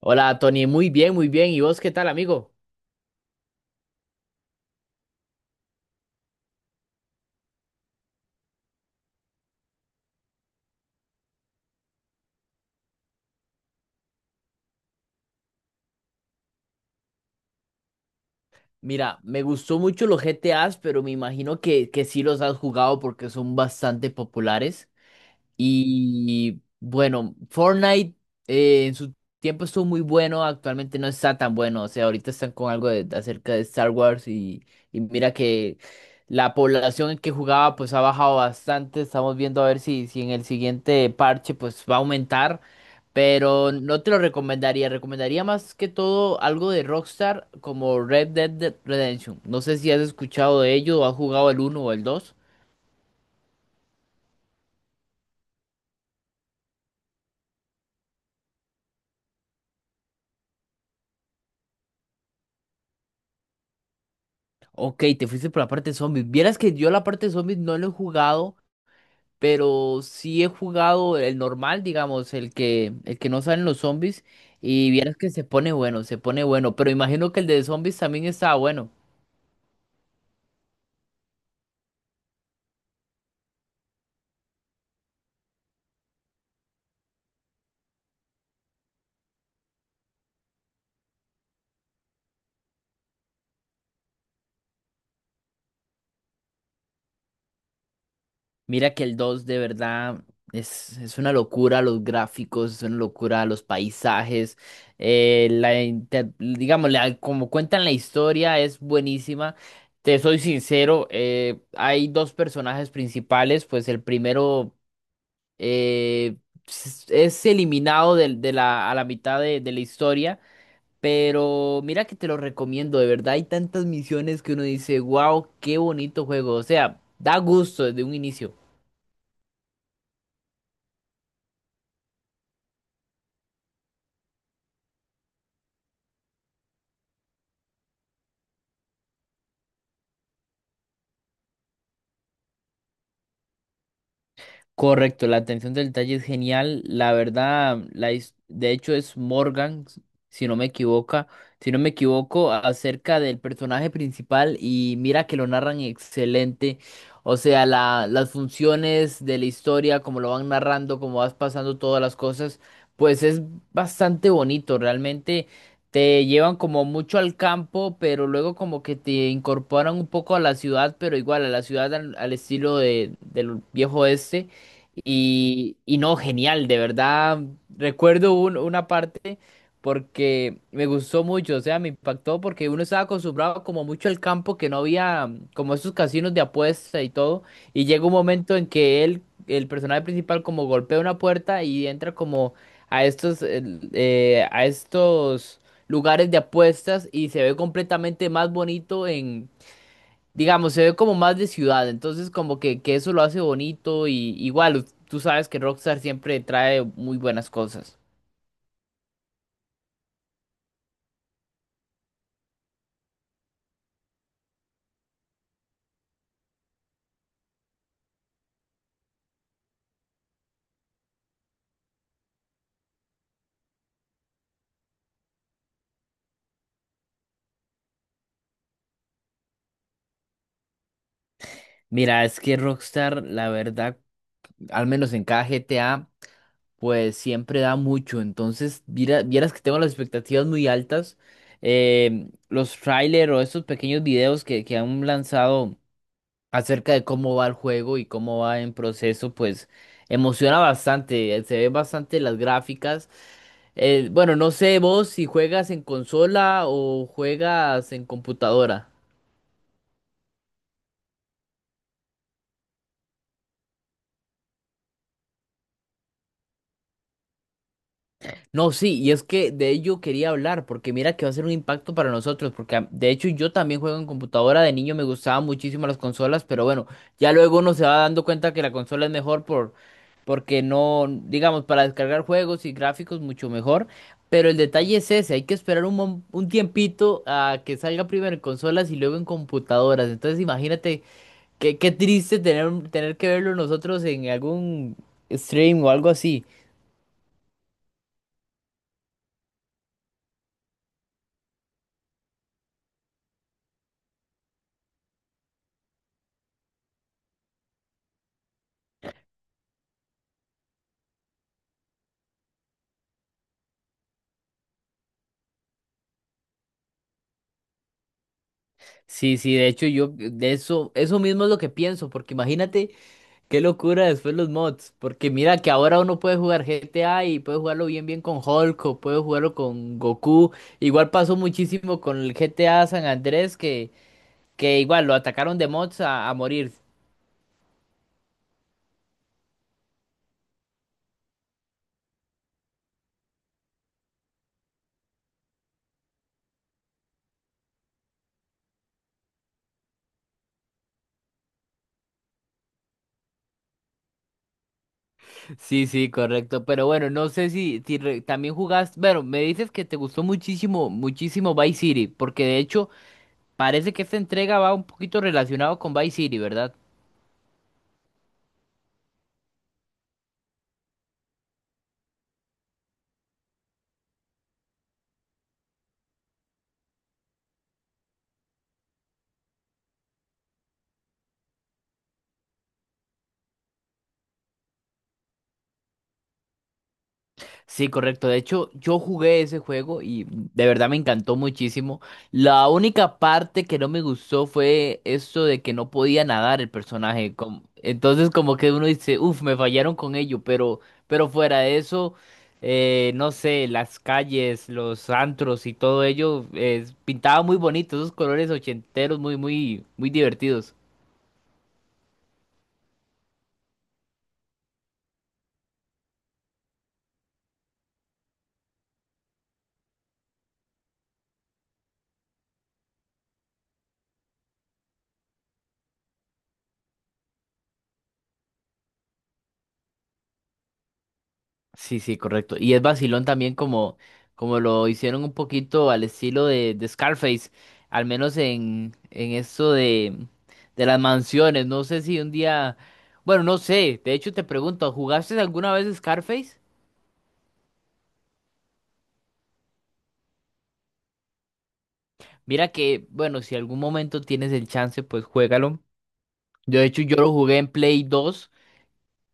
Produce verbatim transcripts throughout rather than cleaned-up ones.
Hola, Tony, muy bien, muy bien. ¿Y vos qué tal, amigo? Mira, me gustó mucho los G T As pero me imagino que, que sí los has jugado porque son bastante populares. Y bueno, Fortnite eh, en su tiempo estuvo muy bueno, actualmente no está tan bueno. O sea, ahorita están con algo de, de acerca de Star Wars y, y mira que la población que jugaba pues ha bajado bastante. Estamos viendo a ver si, si en el siguiente parche pues va a aumentar. Pero no te lo recomendaría. Recomendaría más que todo algo de Rockstar como Red Dead Dead Redemption. No sé si has escuchado de ello o has jugado el uno o el dos. Ok, te fuiste por la parte de zombies. Vieras que yo la parte de zombies no lo he jugado, pero sí he jugado el normal, digamos, el que, el que no salen los zombies. Y vieras que se pone bueno, se pone bueno. Pero imagino que el de zombies también estaba bueno. Mira que el dos de verdad es, es una locura los gráficos, es una locura los paisajes, eh, la, inter- digamos, la- como cuentan la historia es buenísima. Te soy sincero, eh, hay dos personajes principales, pues el primero eh, s- es eliminado del- de, la, a la mitad de, de la historia, pero mira que te lo recomiendo, de verdad hay tantas misiones que uno dice, wow, qué bonito juego, o sea, da gusto desde un inicio. Correcto, la atención del detalle es genial. La verdad, la, his- de hecho es Morgan, s- si no me equivoca si no me equivoco, a- acerca del personaje principal y mira que lo narran excelente. O sea, la, las funciones de la historia, como lo van narrando, como vas pasando todas las cosas, pues es bastante bonito. Realmente te llevan como mucho al campo, pero luego como que te incorporan un poco a la ciudad, pero igual a la ciudad al, al estilo de, del viejo oeste. Y, y no, genial, de verdad. Recuerdo un- una parte porque me gustó mucho, o sea, me impactó porque uno estaba acostumbrado como mucho al campo, que no había mm, como esos casinos de apuesta y todo. Y llega un momento en que él, el personaje principal, como golpea una puerta y entra como a estos, el- eh, a estos lugares de apuestas y se ve completamente más bonito digamos, se ve como más de ciudad, entonces como que, que eso lo hace bonito y igual, u- tú sabes que Rockstar siempre trae muy buenas cosas. Mira, es que Rockstar, la verdad, al menos en cada G T A, pues siempre da mucho, entonces viera- vieras que tengo las expectativas muy altas. Eh, los trailers o estos pequeños videos que, que han lanzado acerca de cómo va el juego y cómo va en proceso, pues emociona bastante, eh, se ven bastante las gráficas. Eh, bueno, no sé vos si juegas en consola o juegas en computadora. No, sí, y es que de ello quería hablar, porque mira que va a ser un impacto para nosotros, porque a- de hecho yo también juego en computadora, de niño me gustaban muchísimo las consolas, pero bueno, ya luego uno se va dando cuenta que la consola es mejor por, porque no, digamos, para descargar juegos y gráficos mucho mejor, pero el detalle es ese, hay que esperar un, mom- un tiempito a que salga primero en consolas y luego en computadoras, entonces imagínate. Qué, qué triste tener, tener que verlo nosotros en algún stream o algo así. Sí, sí, de hecho yo de eso, eso mismo es lo que pienso, porque imagínate qué locura después los mods, porque mira que ahora uno puede jugar G T A y puede jugarlo bien bien con Hulk o puede jugarlo con Goku. Igual pasó muchísimo con el G T A San Andrés que, que igual lo atacaron de mods a, a morir. Sí, sí, correcto. Pero bueno, no sé si, si re- también jugaste. Bueno, me dices que te gustó muchísimo, muchísimo Vice City, porque de hecho parece que esta entrega va un poquito relacionado con Vice City, ¿verdad? Sí, correcto. De hecho, yo jugué ese juego y de verdad me encantó muchísimo. La única parte que no me gustó fue eso de que no podía nadar el personaje. com- Entonces, como que uno dice, uff, me fallaron con ello, pero, pero fuera de eso, eh, no sé, las calles, los antros y todo ello, eh, pintaba muy bonito, esos colores ochenteros muy, muy, muy divertidos. Sí, sí, correcto. Y es vacilón también como, como lo hicieron un poquito al estilo de, de Scarface, al menos en, en esto de, de las mansiones. No sé si un día, bueno, no sé, de hecho te pregunto, ¿jugaste alguna vez Scarface? Mira que, bueno, si algún momento tienes el chance, pues juégalo. Yo de hecho yo lo jugué en Play dos.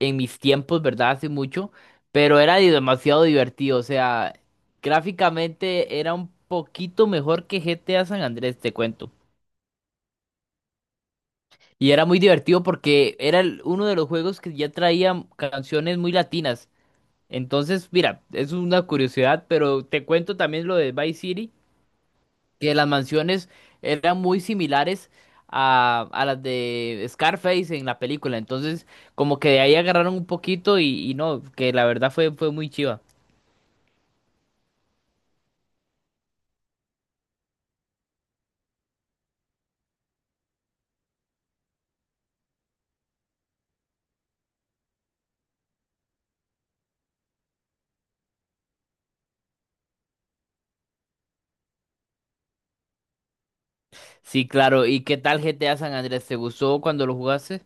En mis tiempos, ¿verdad? Hace mucho, pero era di- demasiado divertido, o sea, gráficamente era un poquito mejor que G T A San Andrés, te cuento. Y era muy divertido porque era el- uno de los juegos que ya traía canciones muy latinas. Entonces, mira, es una curiosidad, pero te cuento también lo de Vice City, que las mansiones eran muy similares a, a las de Scarface en la película. Entonces, como que de ahí agarraron un poquito y, y no, que la verdad fue, fue muy chiva. Sí, claro. ¿Y qué tal G T A San Andrés? ¿Te gustó cuando lo jugaste?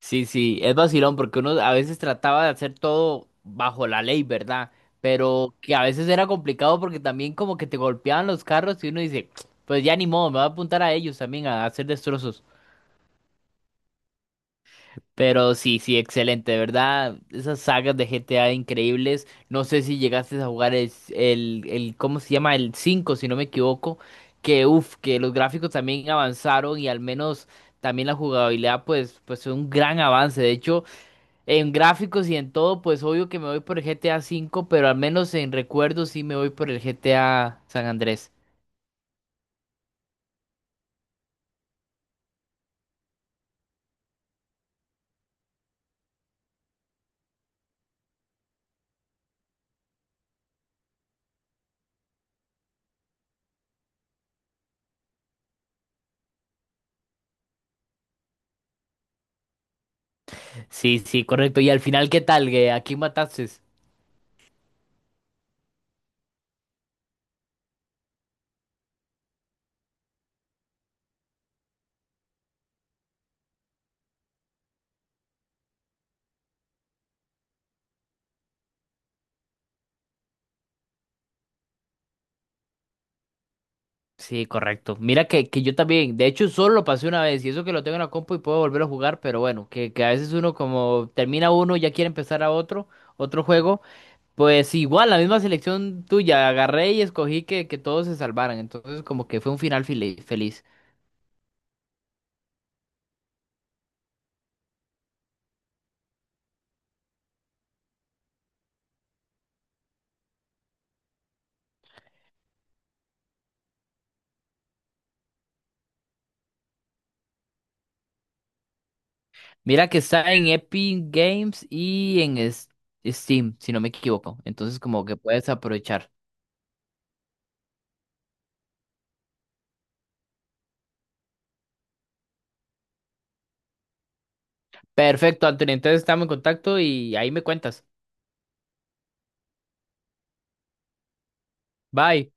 Sí, sí, es vacilón porque uno a veces trataba de hacer todo bajo la ley, ¿verdad? Pero que a veces era complicado porque también como que te golpeaban los carros y uno dice, pues ya ni modo, me voy a apuntar a ellos también a hacer destrozos. Pero sí, sí, excelente, de ¿verdad? Esas sagas de G T A increíbles. No sé si llegaste a jugar el, el, el- ¿cómo se llama? El cinco si no me equivoco. Que uff, que los gráficos también avanzaron y al menos también la jugabilidad, pues, pues fue un gran avance. De hecho, en gráficos y en todo, pues obvio que me voy por el G T A cinco, pero al menos en recuerdos sí me voy por el G T A San Andrés. Sí, sí, correcto. Y al final, ¿qué tal? ¿Que ¿A quién mataste? Sí, correcto. Mira que, que yo también, de hecho, solo lo pasé una vez y eso que lo tengo en la compu y puedo volver a jugar, pero bueno, que, que a veces uno como termina uno y ya quiere empezar a otro, otro juego, pues igual, la misma selección tuya, agarré y escogí que, que todos se salvaran, entonces como que fue un final fili- feliz. Mira que está en Epic Games y en es- Steam, si no me equivoco, entonces como que puedes aprovechar. Perfecto, Antonio, entonces estamos en contacto y ahí me cuentas. Bye.